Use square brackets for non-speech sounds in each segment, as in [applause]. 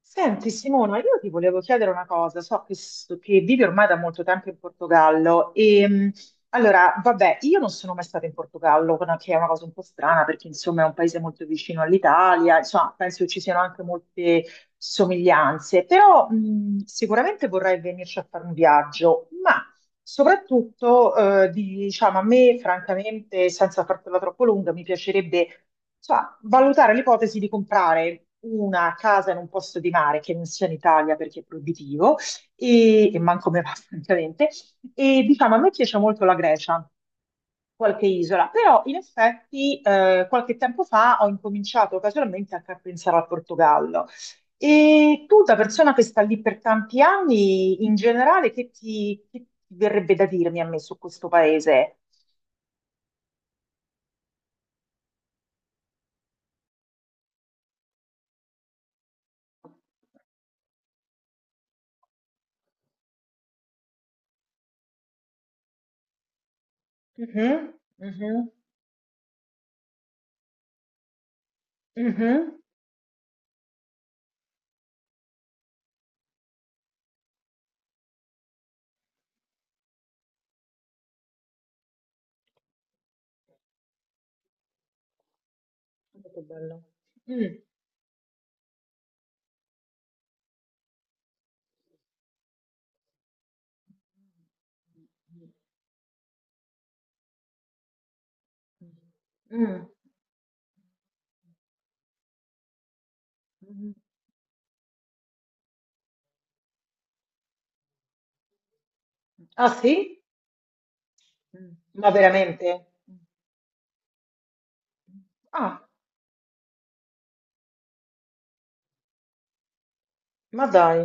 Senti Simona, io ti volevo chiedere una cosa, so che vivi ormai da molto tempo in Portogallo e allora, vabbè, io non sono mai stata in Portogallo, che è una cosa un po' strana perché insomma è un paese molto vicino all'Italia, insomma penso che ci siano anche molte somiglianze, però sicuramente vorrei venirci a fare un viaggio, ma soprattutto, diciamo, a me, francamente, senza fartela troppo lunga, mi piacerebbe, insomma, valutare l'ipotesi di comprare una casa in un posto di mare che non sia in Italia perché è proibitivo e manco me va, [laughs] francamente. E diciamo, a me piace molto la Grecia qualche isola, però in effetti qualche tempo fa ho incominciato casualmente anche a pensare al Portogallo. E tu, da persona che sta lì per tanti anni, in generale, che ti verrebbe da dirmi a me su questo paese? Mhm, mhm, mhm. Guarda, che bello. Mm, mm. Mm. Ah sì? Mm. Ma veramente? Ah, ma dai.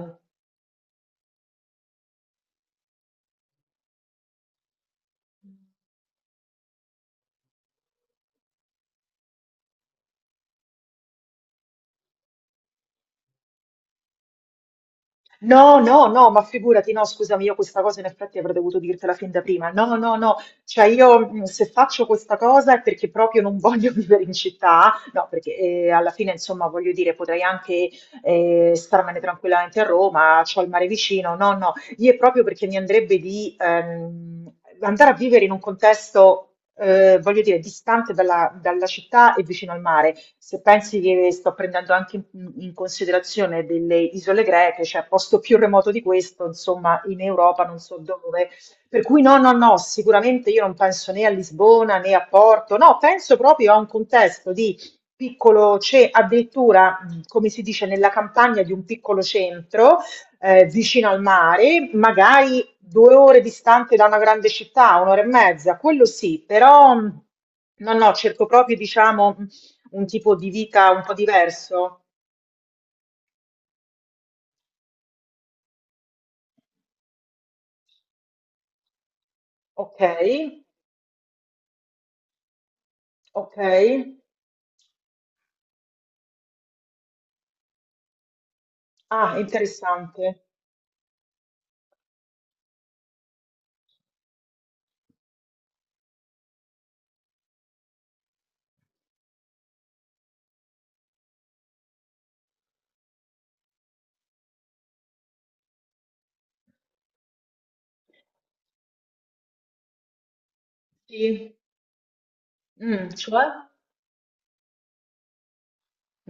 No, no, no, ma figurati, no, scusami, io questa cosa in effetti avrei dovuto dirtela fin da prima. No, no, no, cioè io se faccio questa cosa è perché proprio non voglio [laughs] vivere in città, no, perché alla fine, insomma, voglio dire, potrei anche starmene tranquillamente a Roma, c'ho il mare vicino, no, no, io è proprio perché mi andrebbe di andare a vivere in un contesto, voglio dire, distante dalla città e vicino al mare. Se pensi che sto prendendo anche in considerazione delle isole greche, cioè posto più remoto di questo, insomma, in Europa non so dove. Per cui no, no, no, sicuramente io non penso né a Lisbona né a Porto, no, penso proprio a un contesto di piccolo, c'è addirittura, come si dice, nella campagna di un piccolo centro vicino al mare, magari 2 ore distante da una grande città, 1 ora e mezza, quello sì, però no, no, cerco proprio diciamo, un tipo di vita un po' diverso. Okay, okay. Ah, interessante. Sì. Cioè?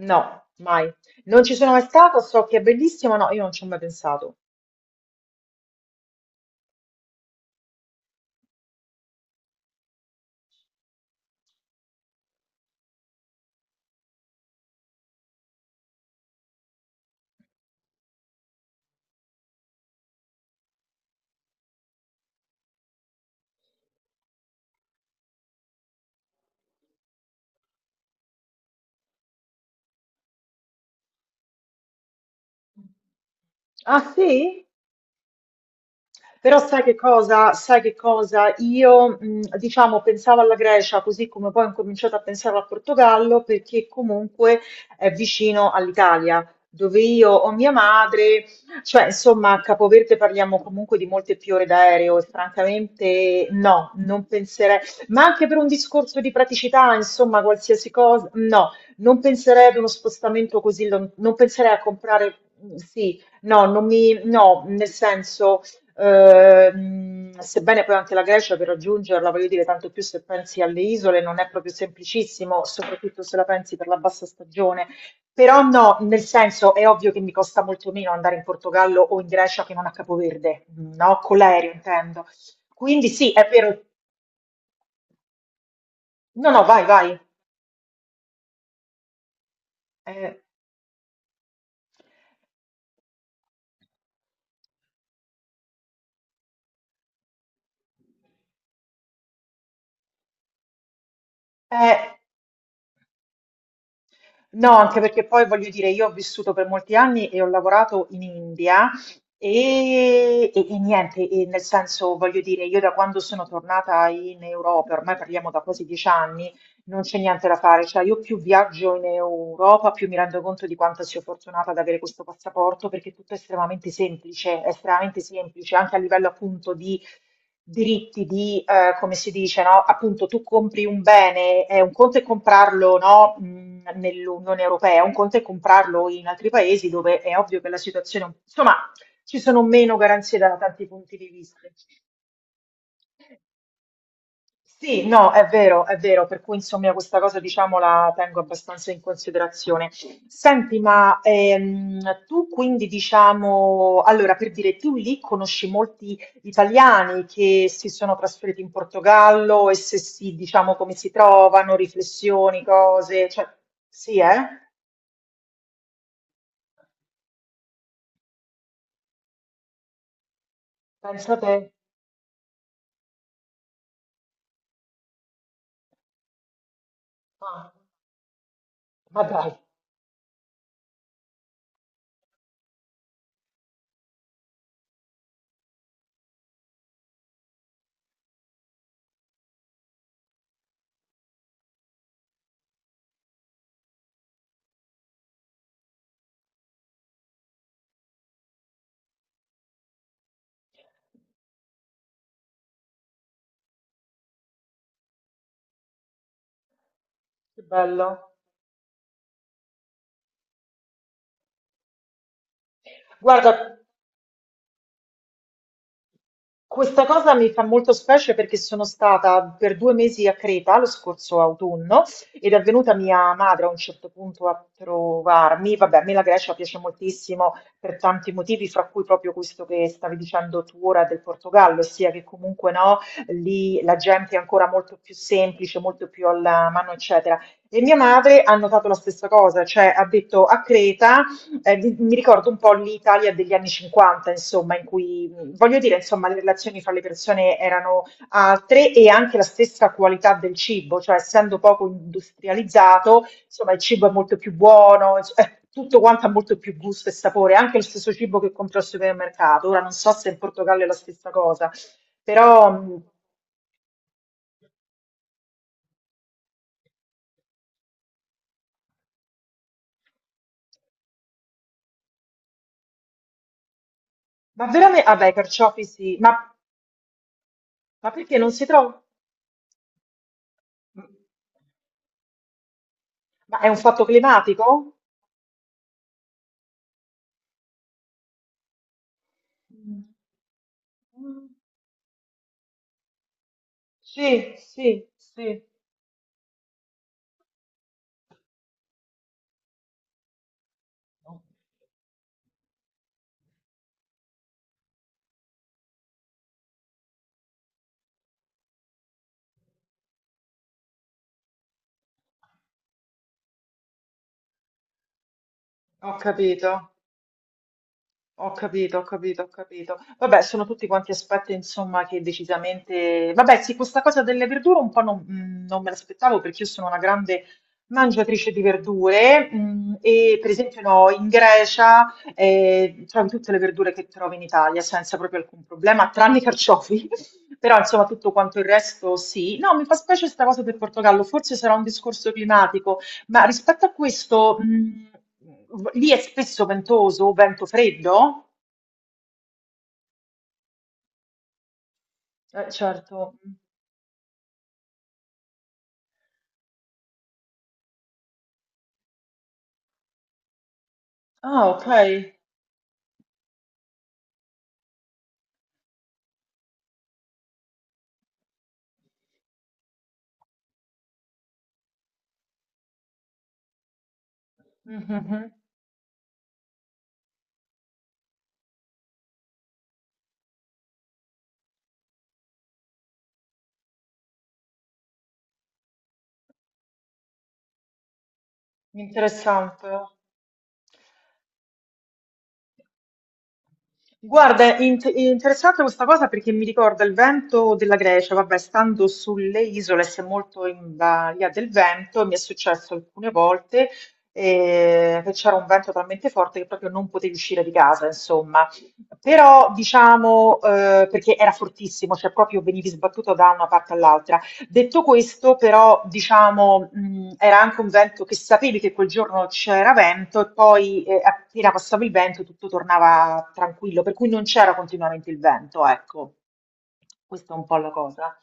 No, mai. Non ci sono mai stata, so che è bellissimo, no, io non ci ho mai pensato. Ah sì? Però sai che cosa? Sai che cosa? Io, diciamo, pensavo alla Grecia, così come poi ho incominciato a pensare al Portogallo, perché comunque è vicino all'Italia, dove io ho mia madre, cioè, insomma, a Capoverde parliamo comunque di molte più ore d'aereo e francamente no, non penserei, ma anche per un discorso di praticità, insomma, qualsiasi cosa, no, non penserei ad uno spostamento così, non penserei a comprare, sì, no, non mi, no, nel senso. Sebbene poi anche la Grecia per raggiungerla, voglio dire, tanto più se pensi alle isole, non è proprio semplicissimo, soprattutto se la pensi per la bassa stagione. Però no, nel senso è ovvio che mi costa molto meno andare in Portogallo o in Grecia che non a Capoverde, no? Con l'aereo intendo. Quindi sì, è vero. No, no, vai, vai. Eh, eh. No, anche perché poi voglio dire, io ho vissuto per molti anni e ho lavorato in India e niente, e nel senso, voglio dire, io da quando sono tornata in Europa, ormai parliamo da quasi 10 anni, non c'è niente da fare, cioè io più viaggio in Europa, più mi rendo conto di quanto sia fortunata ad avere questo passaporto, perché tutto è estremamente semplice, anche a livello appunto di diritti, di come si dice, no? Appunto tu compri un bene, è un conto è comprarlo, no? Nell'Unione Europea, un conto è comprarlo in altri paesi dove è ovvio che la situazione, insomma, ci sono meno garanzie da tanti punti di vista. Sì, no, è vero, per cui insomma questa cosa diciamo la tengo abbastanza in considerazione. Senti, ma tu quindi diciamo, allora per dire, tu lì conosci molti italiani che si sono trasferiti in Portogallo e se sì, diciamo come si trovano, riflessioni, cose, cioè sì, eh? Pensa te. Ah, ma dai, che bello. Guarda, questa cosa mi fa molto specie perché sono stata per 2 mesi a Creta lo scorso autunno ed è venuta mia madre a un certo punto a trovarmi. Vabbè, a me la Grecia piace moltissimo per tanti motivi, fra cui proprio questo che stavi dicendo tu ora del Portogallo, ossia che comunque no, lì la gente è ancora molto più semplice, molto più alla mano, eccetera. E mia madre ha notato la stessa cosa, cioè ha detto a Creta. Mi ricordo un po' l'Italia degli anni 50, insomma, in cui, voglio dire, insomma, le relazioni fra le persone erano altre e anche la stessa qualità del cibo, cioè essendo poco industrializzato, insomma, il cibo è molto più buono, tutto quanto ha molto più gusto e sapore, anche lo stesso cibo che compro al supermercato. Ora non so se in Portogallo è la stessa cosa, però, ma veramente, vabbè, i carciofi sì, ma perché non si trova? Ma è un fatto climatico? Mm. Sì, sì, sì. Ho capito, ho capito, ho capito, ho capito. Vabbè, sono tutti quanti aspetti, insomma, che decisamente. Vabbè, sì, questa cosa delle verdure un po' non me l'aspettavo perché io sono una grande mangiatrice di verdure e per esempio no, in Grecia trovi tutte le verdure che trovi in Italia senza proprio alcun problema, tranne i carciofi. [laughs] Però insomma tutto quanto il resto sì. No, mi fa specie questa cosa del Portogallo, forse sarà un discorso climatico. Ma rispetto a questo, lì è spesso ventoso, vento freddo? Certo. Ah, ok. Mhm. Interessante. Guarda, è interessante questa cosa perché mi ricorda il vento della Grecia, vabbè, stando sulle isole si è molto in balia del vento, mi è successo alcune volte che c'era un vento talmente forte che proprio non potevi uscire di casa, insomma. Però, diciamo, perché era fortissimo, cioè proprio venivi sbattuto da una parte all'altra. Detto questo, però, diciamo, era anche un vento che sapevi che quel giorno c'era vento e poi, appena passava il vento tutto tornava tranquillo, per cui non c'era continuamente il vento, ecco. Questa è un po' la cosa.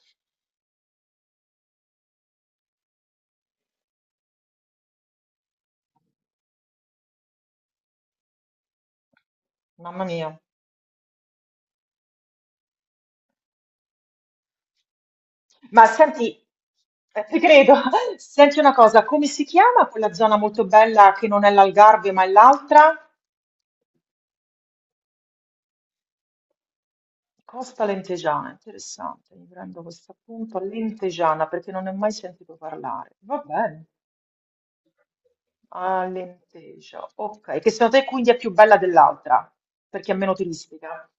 Mamma mia. Ma senti ti credo. [laughs] Senti una cosa, come si chiama quella zona molto bella che non è l'Algarve, ma è l'altra? Costa Lentejana, interessante. Mi prendo questo appunto, Lentejana, perché non ne ho mai sentito parlare. Va bene. Ah, Lenteja. Ok, che secondo te quindi è più bella dell'altra, perché è meno turistica.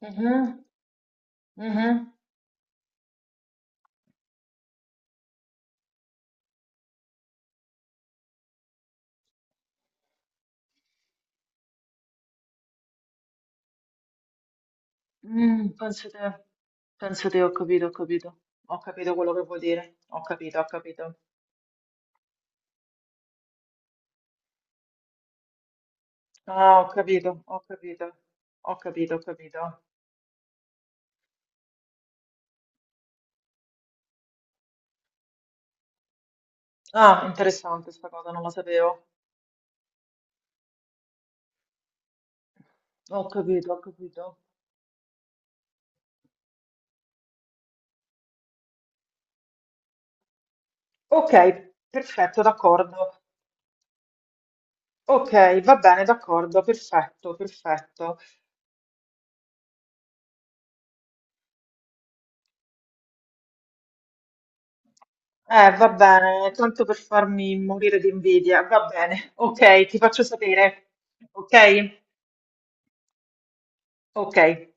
Mhm, mhm. Mm, penso te, ho capito, ho capito. Ho capito quello che vuol dire. Ho capito, ho capito. Ah, ho capito, ho capito. Ho capito, ho capito. Ah, interessante sta cosa, non la sapevo. Ho capito, ho capito. Ok, perfetto, d'accordo. Ok, va bene, d'accordo, perfetto, perfetto. Va bene, tanto per farmi morire di invidia. Va bene, ok, ti faccio sapere. Ok? Ok.